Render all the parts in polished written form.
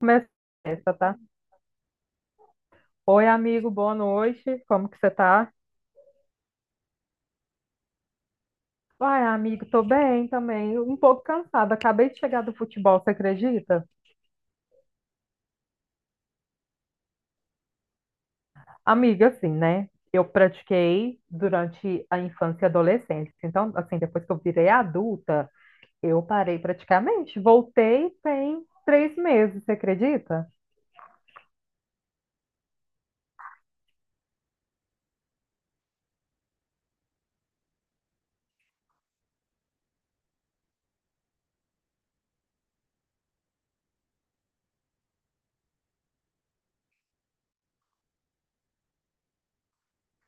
Começa essa, tá? Oi, amigo, boa noite. Como que você tá? Ai, amigo, tô bem também. Um pouco cansada. Acabei de chegar do futebol, você acredita? Amiga, assim, né? Eu pratiquei durante a infância e adolescência. Então, assim, depois que eu virei adulta, eu parei praticamente. Voltei tem 3 meses, você acredita?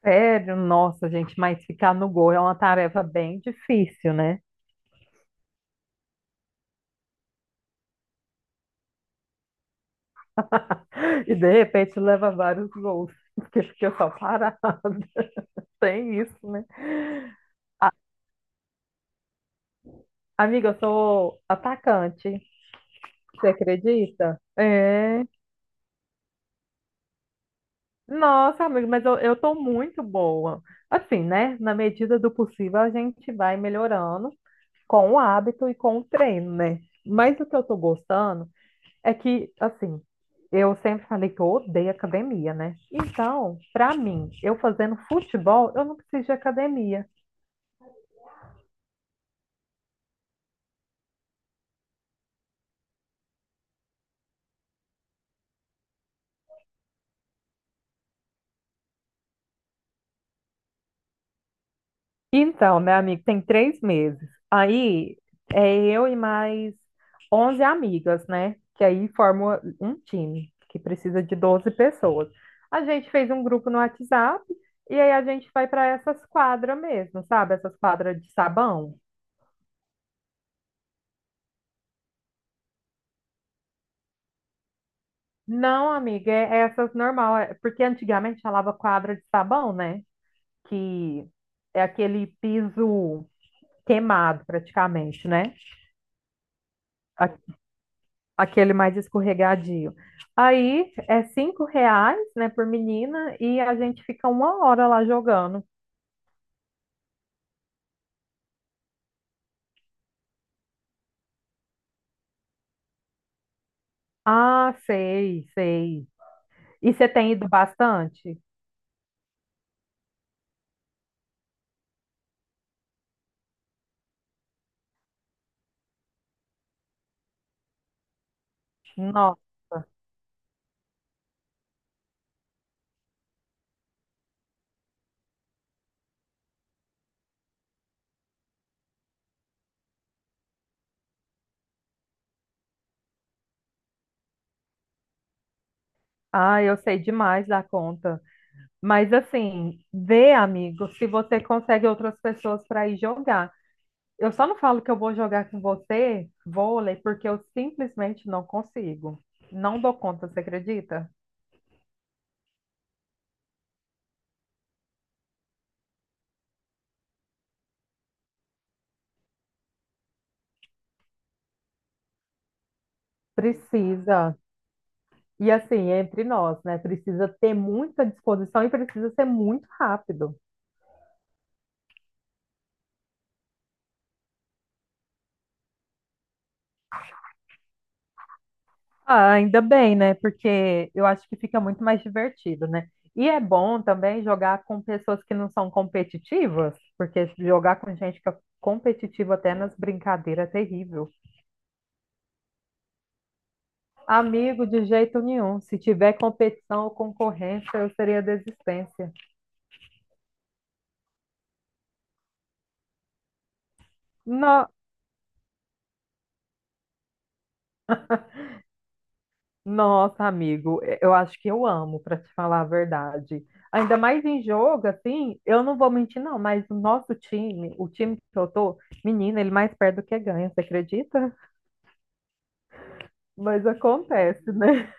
Sério, nossa, gente, mas ficar no gol é uma tarefa bem difícil, né? E de repente leva vários gols, porque eu só parada. Tem isso, né? Amiga, eu sou atacante. Você acredita? É. Nossa, amiga, mas eu tô muito boa. Assim, né? Na medida do possível, a gente vai melhorando com o hábito e com o treino, né? Mas o que eu tô gostando é que, assim, eu sempre falei que eu odeio academia, né? Então, pra mim, eu fazendo futebol, eu não preciso de academia. Então, meu amigo, tem 3 meses. Aí é eu e mais 11 amigas, né? Que aí forma um time que precisa de 12 pessoas. A gente fez um grupo no WhatsApp e aí a gente vai para essas quadras mesmo, sabe? Essas quadras de sabão. Não, amiga, é essas normal, porque antigamente falava quadra de sabão, né? Que é aquele piso queimado praticamente, né? Aquele mais escorregadio. Aí é R$ 5, né, por menina e a gente fica 1 hora lá jogando. Ah, sei, sei. E você tem ido bastante? Nossa. Ah, eu sei demais da conta. Mas assim, vê, amigo, se você consegue outras pessoas para ir jogar. Eu só não falo que eu vou jogar com você vôlei, porque eu simplesmente não consigo. Não dou conta, você acredita? Precisa. E assim, entre nós, né? Precisa ter muita disposição e precisa ser muito rápido. Ah, ainda bem, né? Porque eu acho que fica muito mais divertido, né? E é bom também jogar com pessoas que não são competitivas, porque jogar com gente que é competitiva até nas brincadeiras é terrível. Amigo, de jeito nenhum. Se tiver competição ou concorrência, eu seria desistência. Nossa, amigo, eu acho que eu amo, para te falar a verdade. Ainda mais em jogo, assim, eu não vou mentir, não, mas o nosso time, o time que eu tô, menina, ele mais perde do que ganha, você acredita? Mas acontece, né?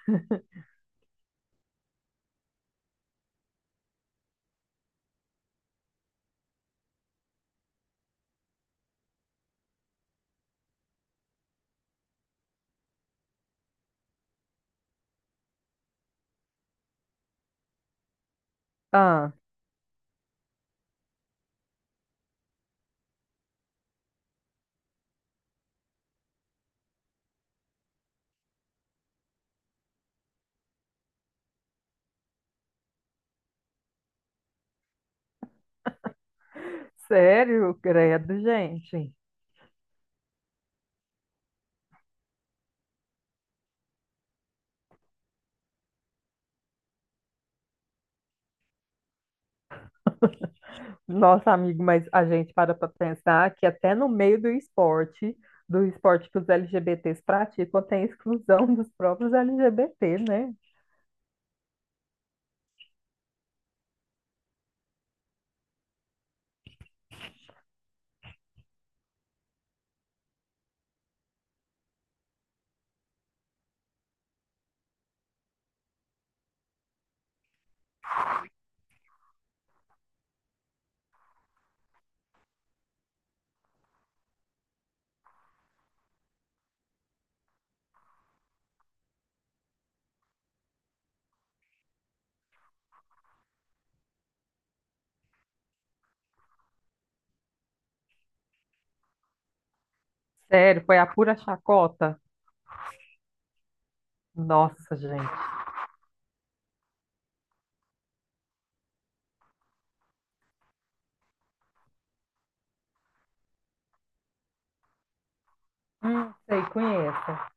Ah, sério, credo, gente. Nossa, amigo, mas a gente para pensar que até no meio do esporte que os LGBTs praticam, tem exclusão dos próprios LGBT, né? Sério, foi a pura chacota. Nossa, gente. Sei, conheço.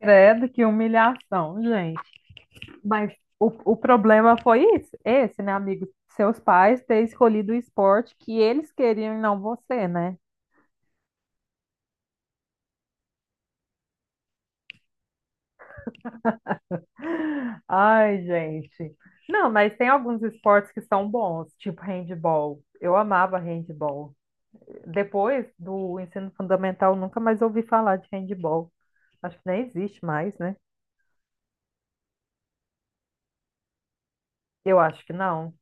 Credo, que humilhação, gente. Mas o problema foi isso, esse, né, amigo? Seus pais ter escolhido o esporte que eles queriam e não você, né? Ai, gente. Não, mas tem alguns esportes que são bons, tipo handball. Eu amava handball. Depois do ensino fundamental, nunca mais ouvi falar de handball. Acho que nem existe mais, né? Eu acho que não.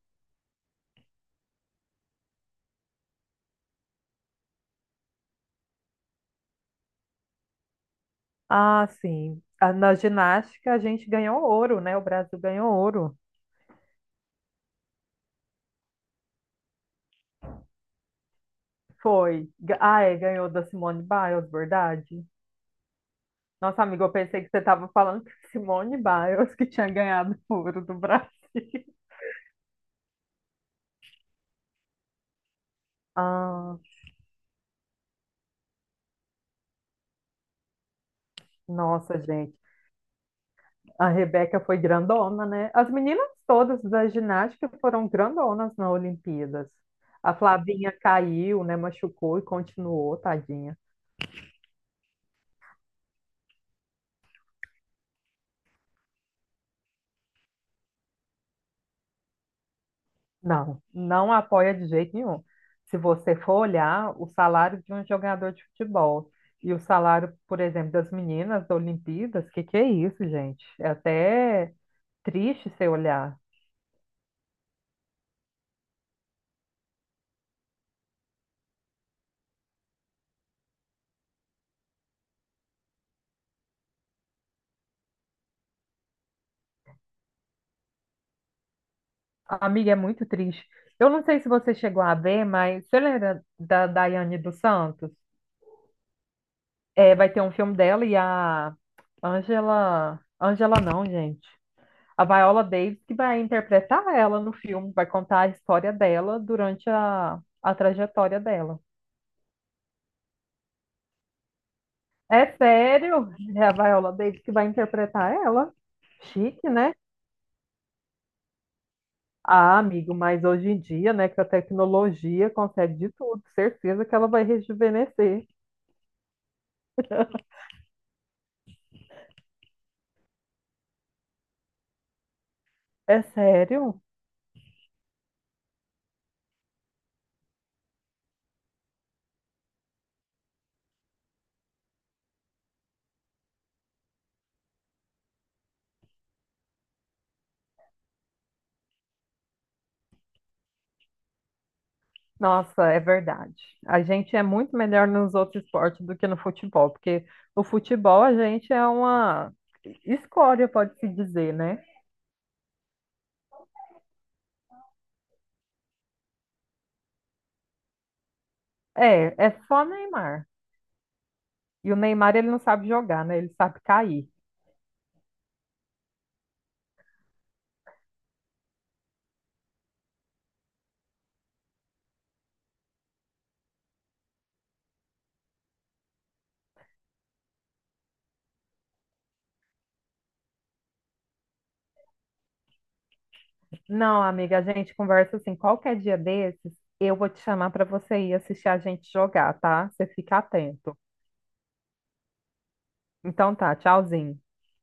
Ah, sim. Ah, na ginástica a gente ganhou ouro, né? O Brasil ganhou ouro. Foi. Ah, é, ganhou da Simone Biles, verdade? Nossa, amiga, eu pensei que você estava falando que Simone Biles que tinha ganhado ouro do Brasil. Ah, nossa, gente. A Rebeca foi grandona, né? As meninas todas da ginástica foram grandonas na Olimpíadas. A Flavinha caiu, né? Machucou e continuou, tadinha. Não, não apoia de jeito nenhum. Se você for olhar o salário de um jogador de futebol e o salário, por exemplo, das meninas da Olimpíadas, que é isso, gente? É até triste você olhar. Amiga, é muito triste. Eu não sei se você chegou a ver, mas você lembra da Daiane dos Santos? É, vai ter um filme dela e a Angela. Angela não, gente. A Viola Davis que vai interpretar ela no filme, vai contar a história dela durante a trajetória dela. É sério, é a Viola Davis que vai interpretar ela. Chique, né? Ah, amigo, mas hoje em dia, né, que a tecnologia consegue de tudo, certeza que ela vai rejuvenescer. É sério? Nossa, é verdade. A gente é muito melhor nos outros esportes do que no futebol, porque no futebol a gente é uma escória, pode-se dizer, né? É só Neymar. E o Neymar, ele não sabe jogar, né? Ele sabe cair. Não, amiga, a gente conversa assim, qualquer dia desses, eu vou te chamar para você ir assistir a gente jogar, tá? Você fica atento. Então tá, tchauzinho.